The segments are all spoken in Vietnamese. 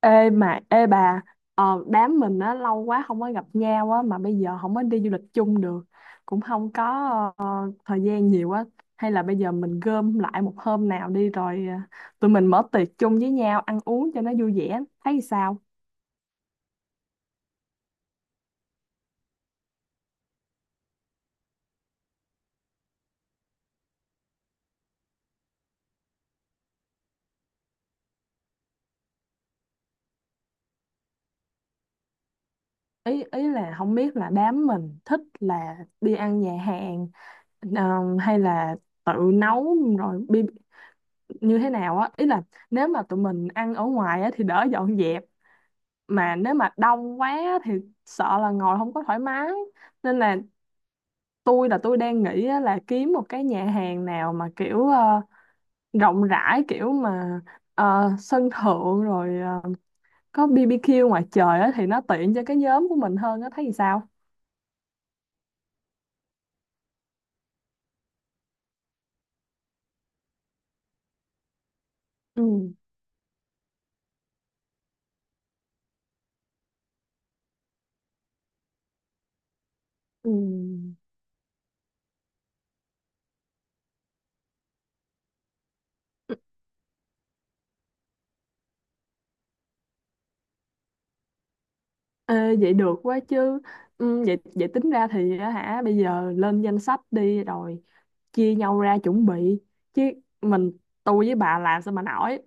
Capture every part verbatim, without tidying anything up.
Ê mà ê bà, ờ, đám mình á lâu quá không có gặp nhau á mà bây giờ không có đi du lịch chung được, cũng không có ờ, thời gian nhiều á. Hay là bây giờ mình gom lại một hôm nào đi rồi, ờ, tụi mình mở tiệc chung với nhau ăn uống cho nó vui vẻ, thấy sao? Ý ý là không biết là đám mình thích là đi ăn nhà hàng, ờ, hay là tự nấu rồi bi- như thế nào á. Ý là nếu mà tụi mình ăn ở ngoài á thì đỡ dọn dẹp, mà nếu mà đông quá thì sợ là ngồi không có thoải mái. Nên là tôi là tôi đang nghĩ á là kiếm một cái nhà hàng nào mà kiểu ờ, rộng rãi, kiểu mà ờ, sân thượng rồi ờ, có bê bê kiu ngoài trời á thì nó tiện cho cái nhóm của mình hơn á, thấy thì sao? Ừ. Ừ. Ê, vậy được quá chứ. Ừ, vậy vậy tính ra thì á hả, bây giờ lên danh sách đi rồi chia nhau ra chuẩn bị, chứ mình tôi với bà làm sao mà nổi,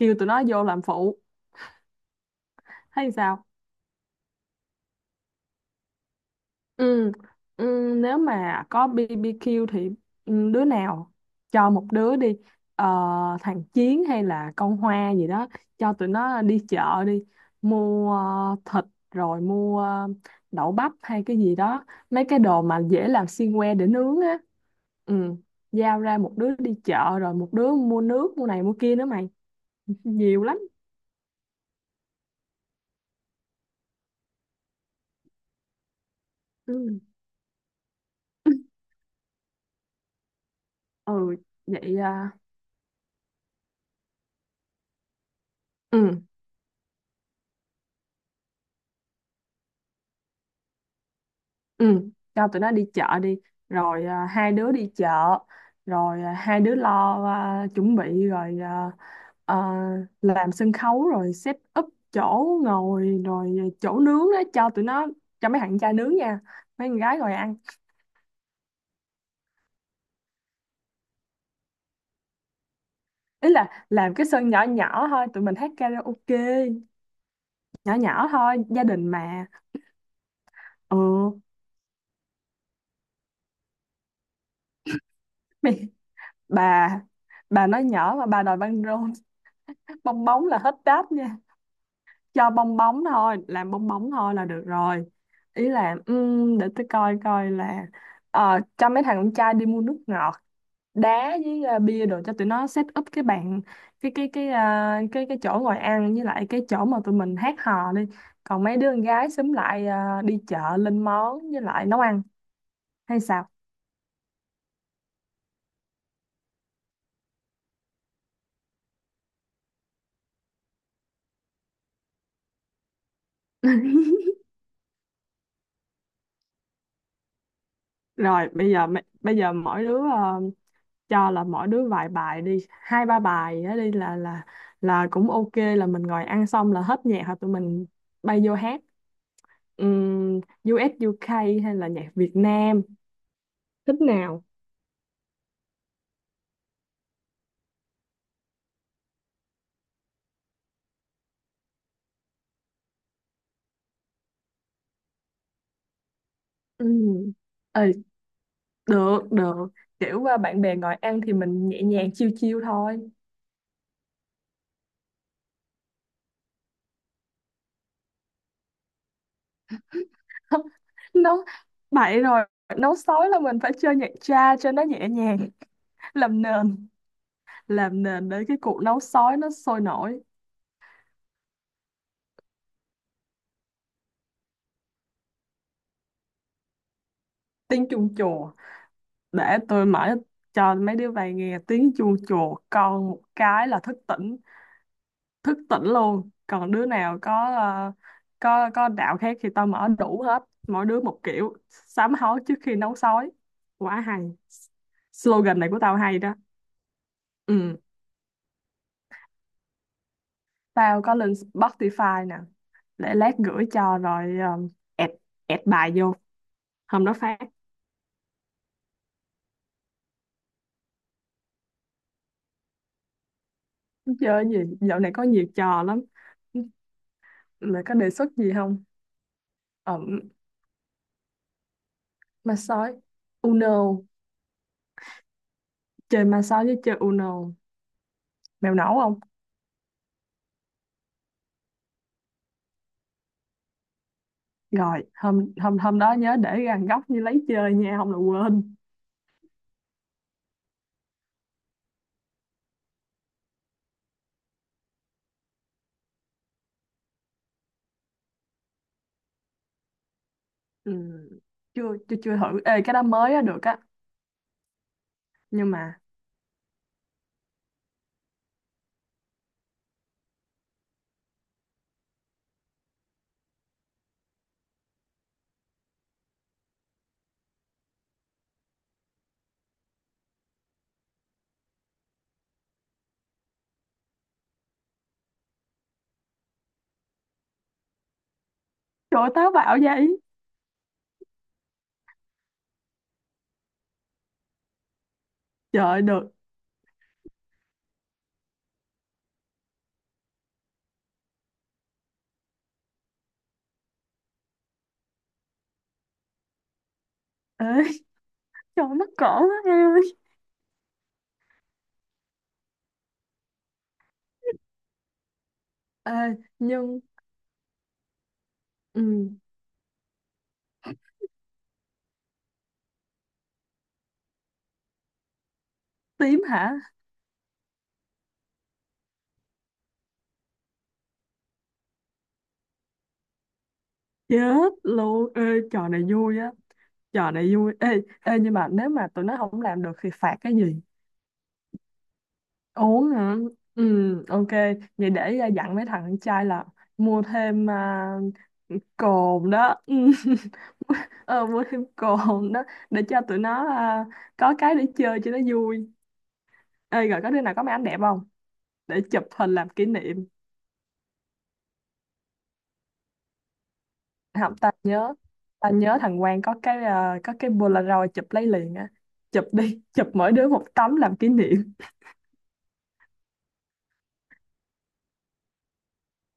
kêu tụi nó vô làm phụ, thấy sao? Ừ, ừ, nếu mà có bê bê kiu thì ừ, đứa nào, cho một đứa đi, ờ, thằng Chiến hay là con Hoa gì đó, cho tụi nó đi chợ đi, mua ờ, thịt, rồi mua ờ, đậu bắp hay cái gì đó, mấy cái đồ mà dễ làm xiên que để nướng á. Ừ, giao ra một đứa đi chợ rồi một đứa mua nước mua này mua kia nữa mày, nhiều lắm. Ừ, ừ, vậy à, ừ. Ừ, cho tụi nó đi chợ đi, rồi à, hai đứa đi chợ, rồi à, hai đứa lo à, chuẩn bị rồi à, ờ, làm sân khấu rồi set up chỗ ngồi rồi chỗ nướng đó cho tụi nó, cho mấy thằng trai nướng nha, mấy con gái ngồi ăn. Ý là làm cái sân nhỏ nhỏ thôi, tụi mình hát karaoke, nhỏ nhỏ thôi, gia đình mà. Ừ, mày, bà bà nói nhỏ mà bà đòi băng rôn, bong bóng là hết đáp. Cho bong bóng thôi, làm bong bóng thôi là được rồi. Ý là ừm, để tôi coi coi là, ờ, cho mấy thằng con trai đi mua nước ngọt, đá với ờ, bia đồ, cho tụi nó set up cái bàn, cái cái cái ờ, cái cái chỗ ngồi ăn với lại cái chỗ mà tụi mình hát hò đi. Còn mấy đứa con gái xúm lại ờ, đi chợ lên món với lại nấu ăn, hay sao? Rồi bây giờ mấy- bây giờ mỗi đứa ờ, cho là mỗi đứa vài bài đi, hai ba bài á đi là là là cũng ok, là mình ngồi ăn xong là hết nhạc, hoặc tụi mình bay vô hát um, diu ét u ca hay là nhạc Việt Nam, thích nào? Ừm, Ừ, được được, kiểu à, bạn bè ngồi ăn thì mình nhẹ nhàng chiêu chiêu thôi. Nấu bậy rồi, nấu sói là mình phải chơi nhạc cha cho nó nhẹ nhàng, làm nền, làm nền để cái cuộc nấu sói nó sôi nổi. Tiếng chuông chùa, để tôi mở cho mấy đứa bay nghe tiếng chuông chùa con một cái là thức tỉnh, thức tỉnh luôn. Còn đứa nào có ờ, có có đạo khác thì tao mở đủ hết, mỗi đứa một kiểu sám hối trước khi nấu sói, quá hay. Slogan này của tao hay đó. Ừ, tao có lên Spotify nè, để lát gửi cho rồi um, add, add bài vô hôm đó phát. Chơi cái gì, dạo này có nhiều trò lắm, mày có đề xuất gì không? Ờ, ma sói, Uno, chơi ma sói với chơi Uno, mèo nấu không? Rồi hôm hôm hôm đó nhớ để gần góc như lấy chơi nha, không là quên. Ừ. chưa chưa chưa thử, ê cái đó mới á, được á. Nhưng mà trời ơi, táo bạo vậy. Trời ơi, được. Ê, trời ơi, mắc cỡ quá em ơi. Ê nhưng ừ, tím hả? Chết luôn ê. Trò này vui á, trò này vui ê. Ê nhưng mà nếu mà tụi nó không làm được thì phạt cái gì? Uống hả? Ừ, ok. Vậy để à, dặn mấy thằng con trai là mua thêm à, cồn đó. Ừ. Ờ, mua thêm cồn đó để cho tụi nó à, có cái để chơi cho nó vui. Ê rồi, có đứa nào có máy ảnh đẹp không, để chụp hình làm kỷ niệm? Không, ta nhớ ta nhớ thằng Quang có cái à, có cái Polaroid chụp lấy liền á, chụp đi, chụp mỗi đứa một tấm làm kỷ niệm.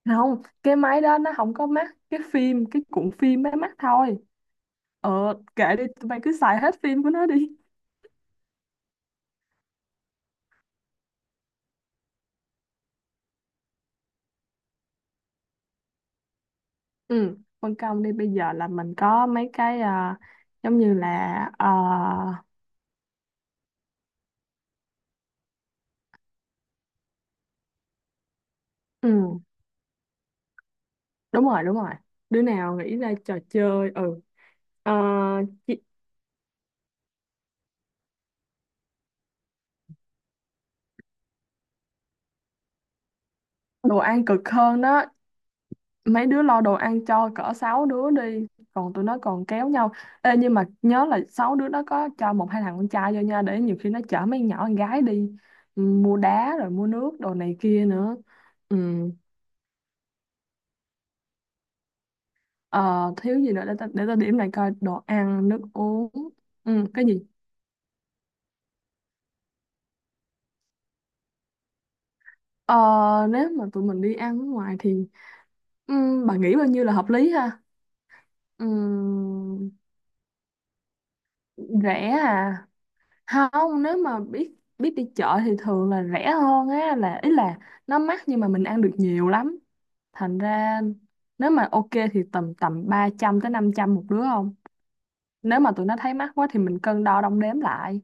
Không, cái máy đó nó không có mắt cái phim, cái cuộn phim máy mắt thôi. Ờ, kệ đi, tụi bay cứ xài hết phim của nó đi. Ừ. Phân công đi, bây giờ là mình có mấy cái à, giống như là... À, ừ, đúng rồi, đúng rồi. Đứa nào nghĩ ra trò chơi, ừ. Ờ, chị- đồ ăn cực hơn đó. Mấy đứa lo đồ ăn cho cỡ sáu đứa đi. Còn tụi nó còn kéo nhau. Ê, nhưng mà nhớ là sáu đứa nó có cho một hai thằng con trai vô nha, để nhiều khi nó chở mấy con nhỏ con gái đi. Ừ, mua đá rồi mua nước, đồ này kia nữa. Ừ. Ờ, thiếu gì nữa để ta, để ta điểm lại coi, đồ ăn nước uống ừ, cái gì. Ờ, nếu mà tụi mình đi ăn ở ngoài thì ừm, bà nghĩ bao nhiêu là hợp lý ha? Ừm, rẻ à? Không, nếu mà biết biết đi chợ thì thường là rẻ hơn á, là ý là nó mắc nhưng mà mình ăn được nhiều lắm. Thành ra nếu mà ok thì tầm tầm ba trăm tới năm trăm một đứa, không nếu mà tụi nó thấy mắc quá thì mình cân đo đong đếm lại.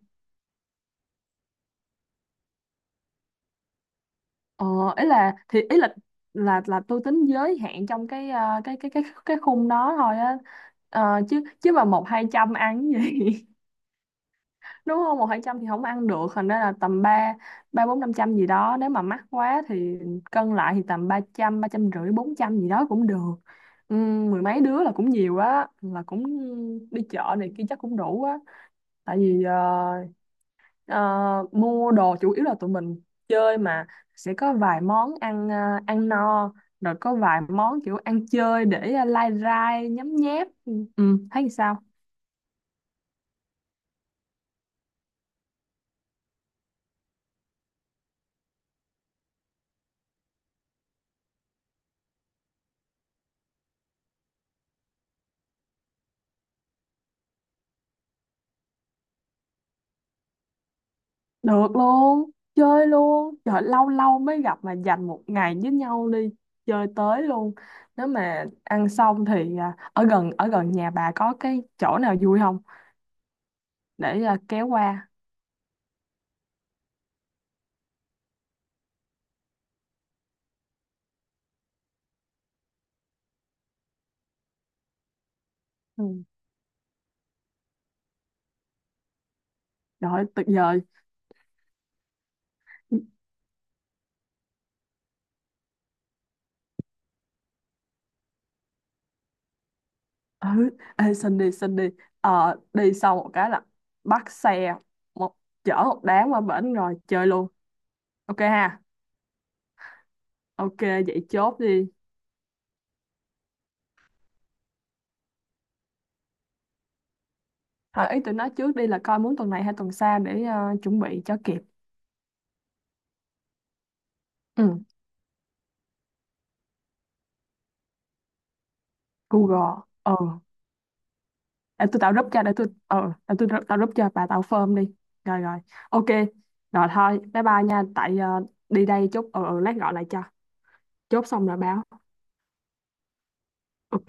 Ờ, ý là thì ý là là là tôi tính giới hạn trong cái ờ, cái cái cái cái khung đó thôi á. Ờ, chứ chứ mà một hai trăm ăn cái gì, đúng không, một hai trăm thì không ăn được, thành ra là tầm ba ba bốn năm trăm gì đó, nếu mà mắc quá thì cân lại thì tầm ba trăm, ba trăm rưỡi, bốn trăm gì đó cũng được. Ừ, mười mấy đứa là cũng nhiều á, là cũng đi chợ này kia chắc cũng đủ á, tại vì ờ, Ờ, mua đồ chủ yếu là tụi mình chơi mà, sẽ có vài món ăn ờ, ăn no, rồi có vài món kiểu ăn chơi để ờ, lai rai nhấm nháp, ừ, ừ, thấy sao? Được luôn, chơi luôn, trời lâu lâu mới gặp mà, dành một ngày với nhau đi, chơi tới luôn. Nếu mà ăn xong thì ờ, ở gần ở gần nhà bà có cái chỗ nào vui không, để ờ, kéo qua? Ừ. Rồi, tuyệt vời. Ừ, ê xin đi, xin đi. Ờ, đi sau một cái là bắt xe, một chở một đám qua bển rồi chơi luôn, ok ha? Ok, vậy chốt đi. Hỏi ý tụi nó trước đi, là coi muốn tuần này hay tuần sau để ờ, chuẩn bị cho kịp. Ừ, Google ờ để tôi tạo group cho, để tôi ờ để tôi tạo group cho bà, tạo form đi. Rồi rồi, ok. Rồi thôi bye bye nha, tại ờ, đi đây chút ờ ừ, lát gọi lại cho, chốt xong rồi báo, ok.